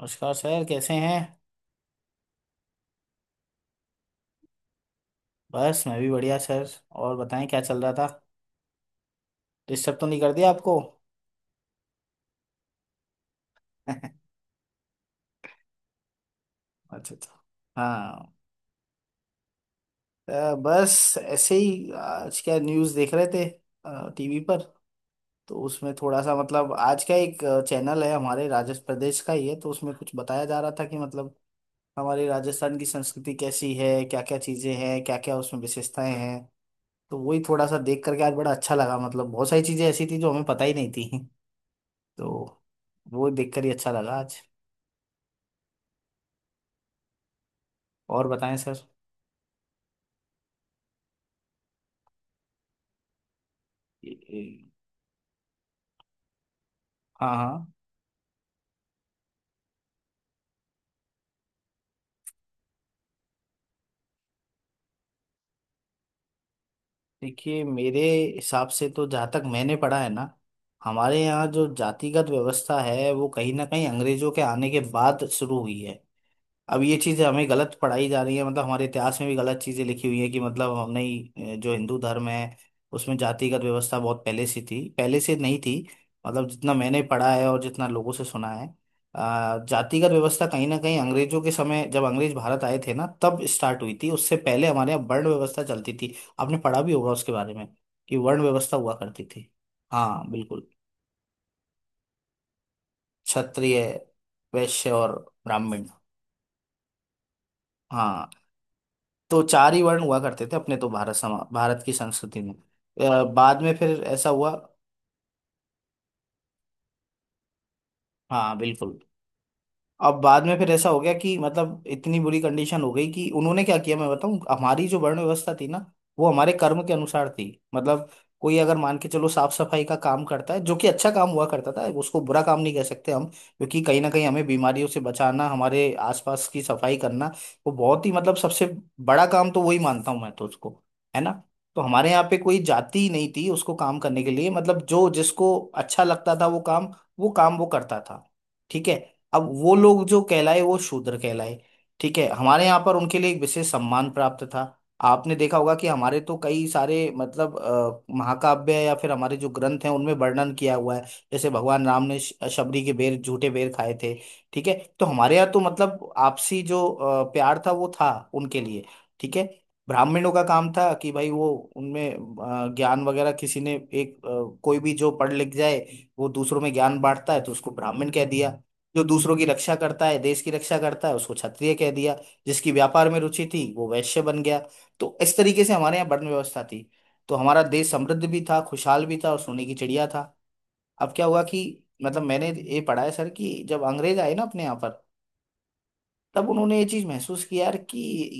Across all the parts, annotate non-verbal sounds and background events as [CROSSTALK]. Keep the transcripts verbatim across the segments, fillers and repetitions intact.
नमस्कार सर कैसे हैं। बस मैं भी बढ़िया सर। और बताएं क्या चल रहा था। डिस्टर्ब तो नहीं कर दिया आपको [LAUGHS] अच्छा अच्छा। हाँ। अ, बस ऐसे ही आज क्या न्यूज़ देख रहे थे टीवी पर। तो उसमें थोड़ा सा मतलब आज का एक चैनल है हमारे राजस्थान प्रदेश का ही है, तो उसमें कुछ बताया जा रहा था कि मतलब हमारे राजस्थान की संस्कृति कैसी है, क्या क्या चीज़ें हैं, क्या क्या उसमें विशेषताएं हैं। तो वही थोड़ा सा देख करके आज बड़ा अच्छा लगा, मतलब बहुत सारी चीज़ें ऐसी थी जो हमें पता ही नहीं थी। तो वो देखकर ही अच्छा लगा आज। और बताएं सर। ये- ये- हाँ हाँ। देखिए मेरे हिसाब से तो जहाँ तक मैंने पढ़ा है ना, हमारे यहाँ जो जातिगत व्यवस्था है वो कहीं ना कहीं अंग्रेजों के आने के बाद शुरू हुई है। अब ये चीज़ें हमें गलत पढ़ाई जा रही है, मतलब हमारे इतिहास में भी गलत चीज़ें लिखी हुई है कि मतलब हमने ही, अ, जो हिंदू धर्म है उसमें जातिगत व्यवस्था बहुत पहले से थी, पहले से नहीं थी। मतलब जितना मैंने पढ़ा है और जितना लोगों से सुना है, अ, जातिगत व्यवस्था कहीं ना कहीं अंग्रेजों के समय जब अंग्रेज भारत आए थे ना तब स्टार्ट हुई थी। उससे पहले हमारे यहाँ वर्ण व्यवस्था चलती थी। आपने पढ़ा भी होगा उसके बारे में कि वर्ण व्यवस्था हुआ करती थी। हाँ बिल्कुल। क्षत्रिय वैश्य और ब्राह्मण। हाँ। तो चार ही वर्ण हुआ करते थे अपने, तो भारत समा भारत की संस्कृति में अ, बाद में फिर ऐसा हुआ। हाँ बिल्कुल। अब बाद में फिर ऐसा हो गया कि मतलब इतनी बुरी कंडीशन हो गई कि उन्होंने क्या किया मैं बताऊं। हमारी जो वर्ण व्यवस्था थी ना, वो हमारे कर्म के अनुसार थी। मतलब कोई अगर मान के चलो साफ सफाई का काम करता है, जो कि अच्छा काम हुआ करता था, उसको बुरा काम नहीं कह सकते हम, क्योंकि कहीं ना कहीं हमें बीमारियों से बचाना, हमारे आसपास की सफाई करना, वो बहुत ही मतलब सबसे बड़ा काम तो वही मानता हूँ मैं तो उसको, है ना। तो हमारे यहाँ पे कोई जाति ही नहीं थी उसको काम करने के लिए, मतलब जो जिसको अच्छा लगता था वो काम, वो काम वो करता था। ठीक है। अब वो लोग जो कहलाए वो शूद्र कहलाए। ठीक है। हमारे यहाँ पर उनके लिए एक विशेष सम्मान प्राप्त था। आपने देखा होगा कि हमारे तो कई सारे मतलब अ, महाकाव्य या फिर हमारे जो ग्रंथ हैं उनमें वर्णन किया हुआ है। जैसे भगवान राम ने श- शबरी के बेर, झूठे बेर खाए थे। ठीक है। तो हमारे यहाँ तो मतलब आपसी जो अ, प्यार था वो था उनके लिए। ठीक है। ब्राह्मणों का काम था कि भाई वो उनमें अ, ज्ञान वगैरह किसी ने एक अ, कोई भी जो पढ़ लिख जाए वो दूसरों में ज्ञान बांटता है तो उसको ब्राह्मण कह दिया। जो दूसरों की रक्षा करता है, देश की रक्षा करता है, उसको क्षत्रिय कह दिया। जिसकी व्यापार में रुचि थी वो वैश्य बन गया। तो इस तरीके से हमारे यहाँ वर्ण व्यवस्था थी। तो हमारा देश समृद्ध भी था, खुशहाल भी था, और सोने की चिड़िया था। अब क्या हुआ कि मतलब मैंने ये पढ़ा है सर कि जब अंग्रेज आए ना अपने यहाँ पर, तब उन्होंने ये चीज महसूस किया यार कि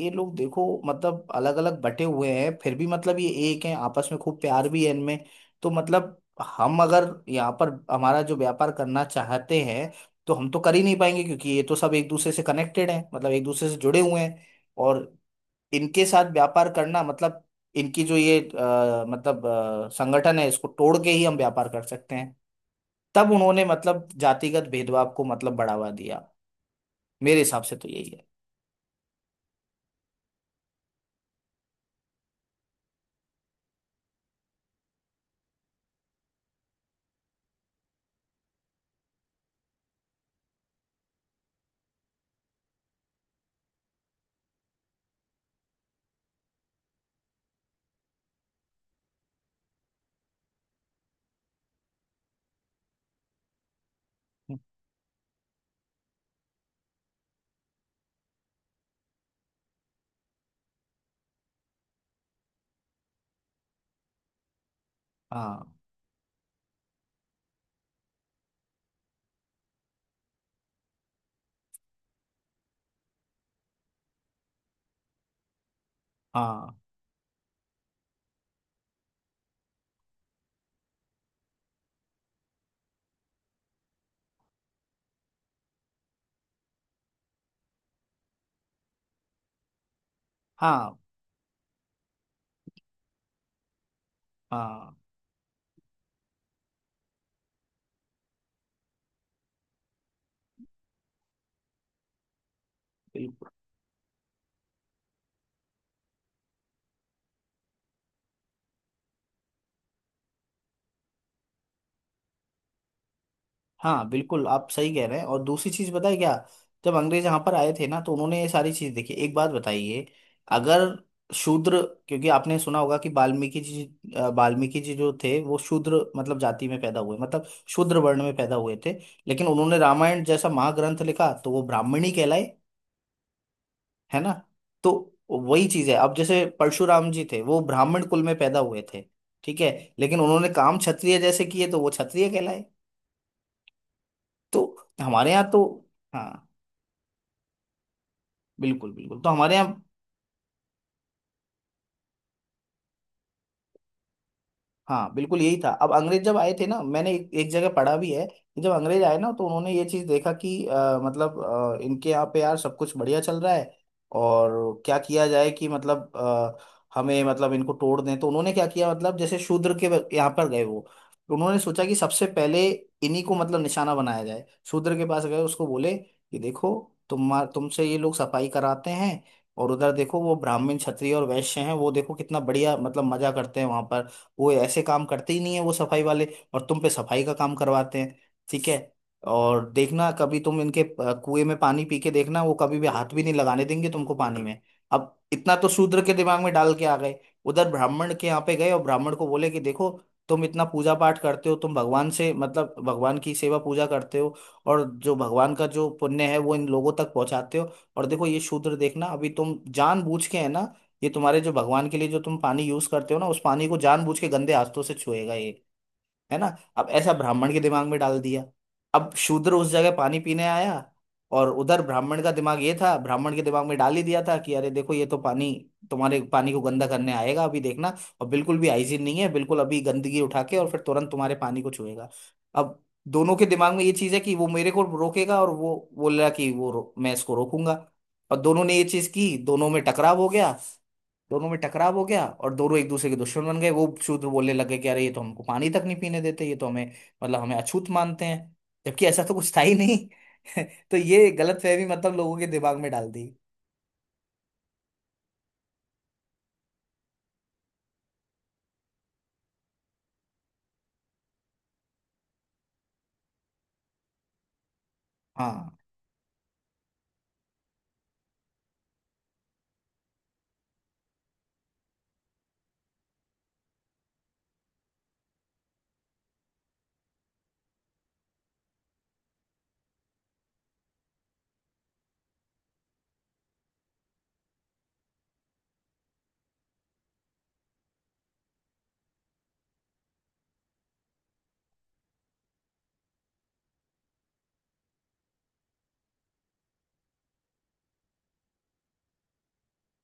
ये लोग देखो मतलब अलग अलग बटे हुए हैं फिर भी मतलब ये एक हैं, आपस में खूब प्यार भी है इनमें। तो मतलब हम अगर यहाँ पर हमारा जो व्यापार करना चाहते हैं तो हम तो कर ही नहीं पाएंगे क्योंकि ये तो सब एक दूसरे से कनेक्टेड हैं, मतलब एक दूसरे से जुड़े हुए हैं। और इनके साथ व्यापार करना मतलब इनकी जो ये अ, मतलब अ, संगठन है इसको तोड़ के ही हम व्यापार कर सकते हैं। तब उन्होंने मतलब जातिगत भेदभाव को मतलब बढ़ावा दिया। मेरे हिसाब से तो यही है। हाँ हाँ हाँ। हाँ बिल्कुल। हाँ बिल्कुल, आप सही कह रहे हैं। और दूसरी चीज बताए क्या, जब अंग्रेज यहाँ पर आए थे ना तो उन्होंने ये सारी चीज देखी। एक बात बताइए, अगर शूद्र, क्योंकि आपने सुना होगा कि वाल्मीकि जी, अ, वाल्मीकि जी जो थे वो शूद्र मतलब जाति में पैदा हुए, मतलब शूद्र वर्ण में पैदा हुए थे। लेकिन उन्होंने रामायण जैसा महाग्रंथ लिखा तो वो ब्राह्मणी कहलाए। है ना। तो वही चीज है। अब जैसे परशुराम जी थे वो ब्राह्मण कुल में पैदा हुए थे। ठीक है। लेकिन उन्होंने काम क्षत्रिय जैसे किए तो वो क्षत्रिय कहलाए। तो हमारे यहाँ तो, हाँ बिल्कुल बिल्कुल। तो हमारे यहाँ, हाँ बिल्कुल यही था। अब अंग्रेज जब आए थे ना, मैंने एक, एक जगह पढ़ा भी है कि जब अंग्रेज आए ना तो उन्होंने ये चीज देखा कि अ, मतलब अ, इनके यहाँ पे यार सब कुछ बढ़िया चल रहा है और क्या किया जाए कि मतलब अ, हमें मतलब इनको तोड़ दें। तो उन्होंने क्या किया, मतलब जैसे शूद्र के ब- यहाँ पर गए वो, तो उन्होंने सोचा कि सबसे पहले इन्हीं को मतलब निशाना बनाया जाए। शूद्र के पास गए, उसको बोले कि देखो तुम तुमसे ये लोग सफाई कराते हैं, और उधर देखो वो ब्राह्मण क्षत्रिय और वैश्य हैं वो देखो कितना बढ़िया मतलब मजा करते हैं वहां पर, वो ऐसे काम करते ही नहीं है वो सफाई वाले, और तुम पे सफाई का काम करवाते हैं। ठीक है। और देखना कभी तुम इनके अ, कुएं में पानी पी के देखना, वो कभी भी हाथ भी नहीं लगाने देंगे तुमको पानी में। अब इतना तो शूद्र के दिमाग में डाल के आ गए। उधर ब्राह्मण के यहाँ पे गए और ब्राह्मण को बोले कि देखो तुम इतना पूजा पाठ करते हो, तुम भगवान से मतलब भगवान की सेवा पूजा करते हो, और जो भगवान का जो पुण्य है वो इन लोगों तक पहुंचाते हो, और देखो ये शूद्र, देखना अभी तुम जानबूझ के, है ना, ये तुम्हारे जो भगवान के लिए जो तुम पानी यूज करते हो ना, उस पानी को जानबूझ के गंदे हाथों से छुएगा ये, है ना। अब ऐसा ब्राह्मण के दिमाग में डाल दिया। अब शूद्र उस जगह पानी पीने आया, और उधर ब्राह्मण का दिमाग ये था, ब्राह्मण के दिमाग में डाल ही दिया था कि अरे देखो ये तो पानी, तुम्हारे पानी को गंदा करने आएगा अभी देखना, और बिल्कुल भी हाइजीन नहीं है बिल्कुल, अभी गंदगी उठा के और फिर तुरंत तुम्हारे पानी को छुएगा। अब दोनों के दिमाग में ये चीज है कि वो मेरे को रोकेगा, और वो बोल रहा कि वो रो, मैं इसको रोकूंगा। और दोनों ने ये चीज की, दोनों में टकराव हो गया। दोनों में टकराव हो गया और दोनों एक दूसरे के दुश्मन बन गए। वो शूद्र बोलने लगे कि अरे ये तो हमको पानी तक नहीं पीने देते, ये तो हमें मतलब हमें अछूत मानते हैं, जबकि ऐसा तो कुछ था ही नहीं [LAUGHS] तो ये गलतफहमी मतलब लोगों के दिमाग में डाल दी। हाँ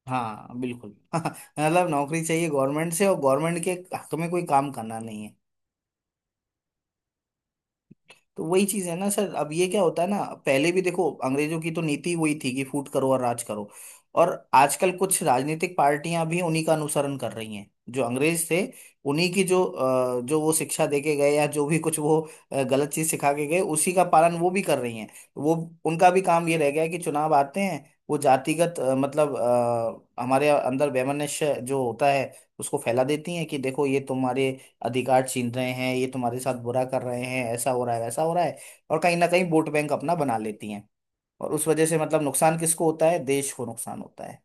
हाँ बिल्कुल [LAUGHS] मतलब नौकरी चाहिए गवर्नमेंट से और गवर्नमेंट के हक में कोई काम करना नहीं है। तो वही चीज है ना सर, अब ये क्या होता है ना, पहले भी देखो अंग्रेजों की तो नीति वही थी कि फूट करो और राज करो, और आजकल कुछ राजनीतिक पार्टियां भी उन्हीं का अनुसरण कर रही हैं जो अंग्रेज थे। उन्हीं की जो अ, जो वो शिक्षा देके गए या जो भी कुछ वो अ, गलत चीज सिखा के गए उसी का पालन वो भी कर रही हैं। वो उनका भी काम ये रह गया है कि चुनाव आते हैं वो जातिगत अ, मतलब अ, हमारे अंदर वैमनस्य जो होता है उसको फैला देती हैं कि देखो ये तुम्हारे अधिकार छीन रहे हैं, ये तुम्हारे साथ बुरा कर रहे हैं, ऐसा हो रहा है वैसा हो रहा है, और कहीं ना कहीं वोट बैंक अपना बना लेती हैं। और उस वजह से मतलब नुकसान किसको होता है, देश को नुकसान होता है,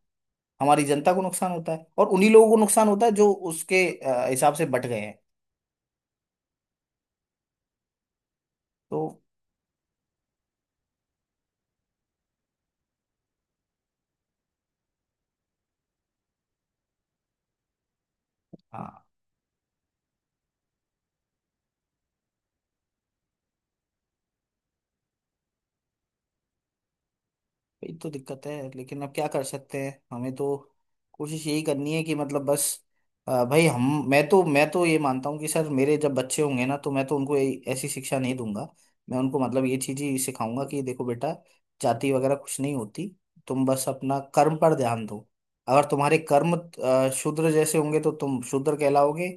हमारी जनता को नुकसान होता है, और उन्हीं लोगों को नुकसान होता है जो उसके अ, हिसाब से बट गए हैं। तो हाँ वही तो दिक्कत है, लेकिन अब क्या कर सकते हैं, हमें तो कोशिश यही करनी है कि मतलब बस अ, भाई हम मैं तो मैं तो ये मानता हूँ कि सर मेरे जब बच्चे होंगे ना तो मैं तो उनको ए- ऐसी शिक्षा नहीं दूंगा। मैं उनको मतलब ये चीज ही सिखाऊंगा कि देखो बेटा, जाति वगैरह कुछ नहीं होती, तुम बस अपना कर्म पर ध्यान दो। अगर तुम्हारे कर्म अ, शूद्र जैसे होंगे तो तुम शूद्र कहलाओगे,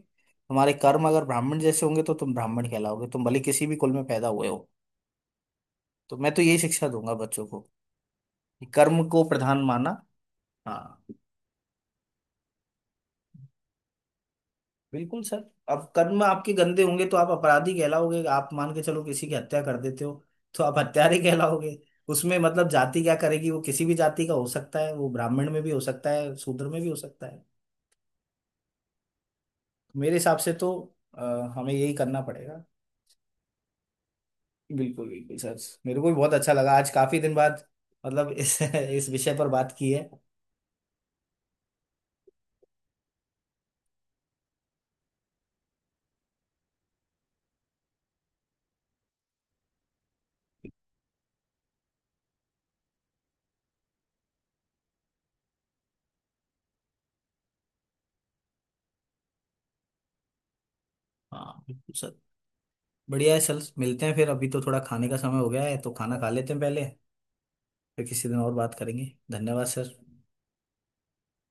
तुम्हारे कर्म अगर ब्राह्मण जैसे होंगे तो तुम ब्राह्मण कहलाओगे, तुम भले किसी भी कुल में पैदा हुए हो। तो मैं तो यही शिक्षा दूंगा बच्चों को कि कर्म को प्रधान माना। हाँ बिल्कुल सर। अब कर्म आपके गंदे होंगे तो आप अपराधी कहलाओगे, आप मान के चलो किसी की हत्या कर देते हो तो आप हत्यारे [LAUGHS] कहलाओगे। उसमें मतलब जाति क्या करेगी, वो किसी भी जाति का हो सकता है, वो ब्राह्मण में भी हो सकता है शूद्र में भी हो सकता है। मेरे हिसाब से तो अ, हमें यही करना पड़ेगा। बिल्कुल बिल्कुल सर। मेरे को भी बहुत अच्छा लगा, आज काफी दिन बाद मतलब इस [LAUGHS] इस विषय पर बात की है। हाँ बिल्कुल सर। बढ़िया है सर, मिलते हैं फिर, अभी तो थोड़ा खाने का समय हो गया है तो खाना खा लेते हैं पहले। फिर किसी दिन और बात करेंगे, धन्यवाद सर।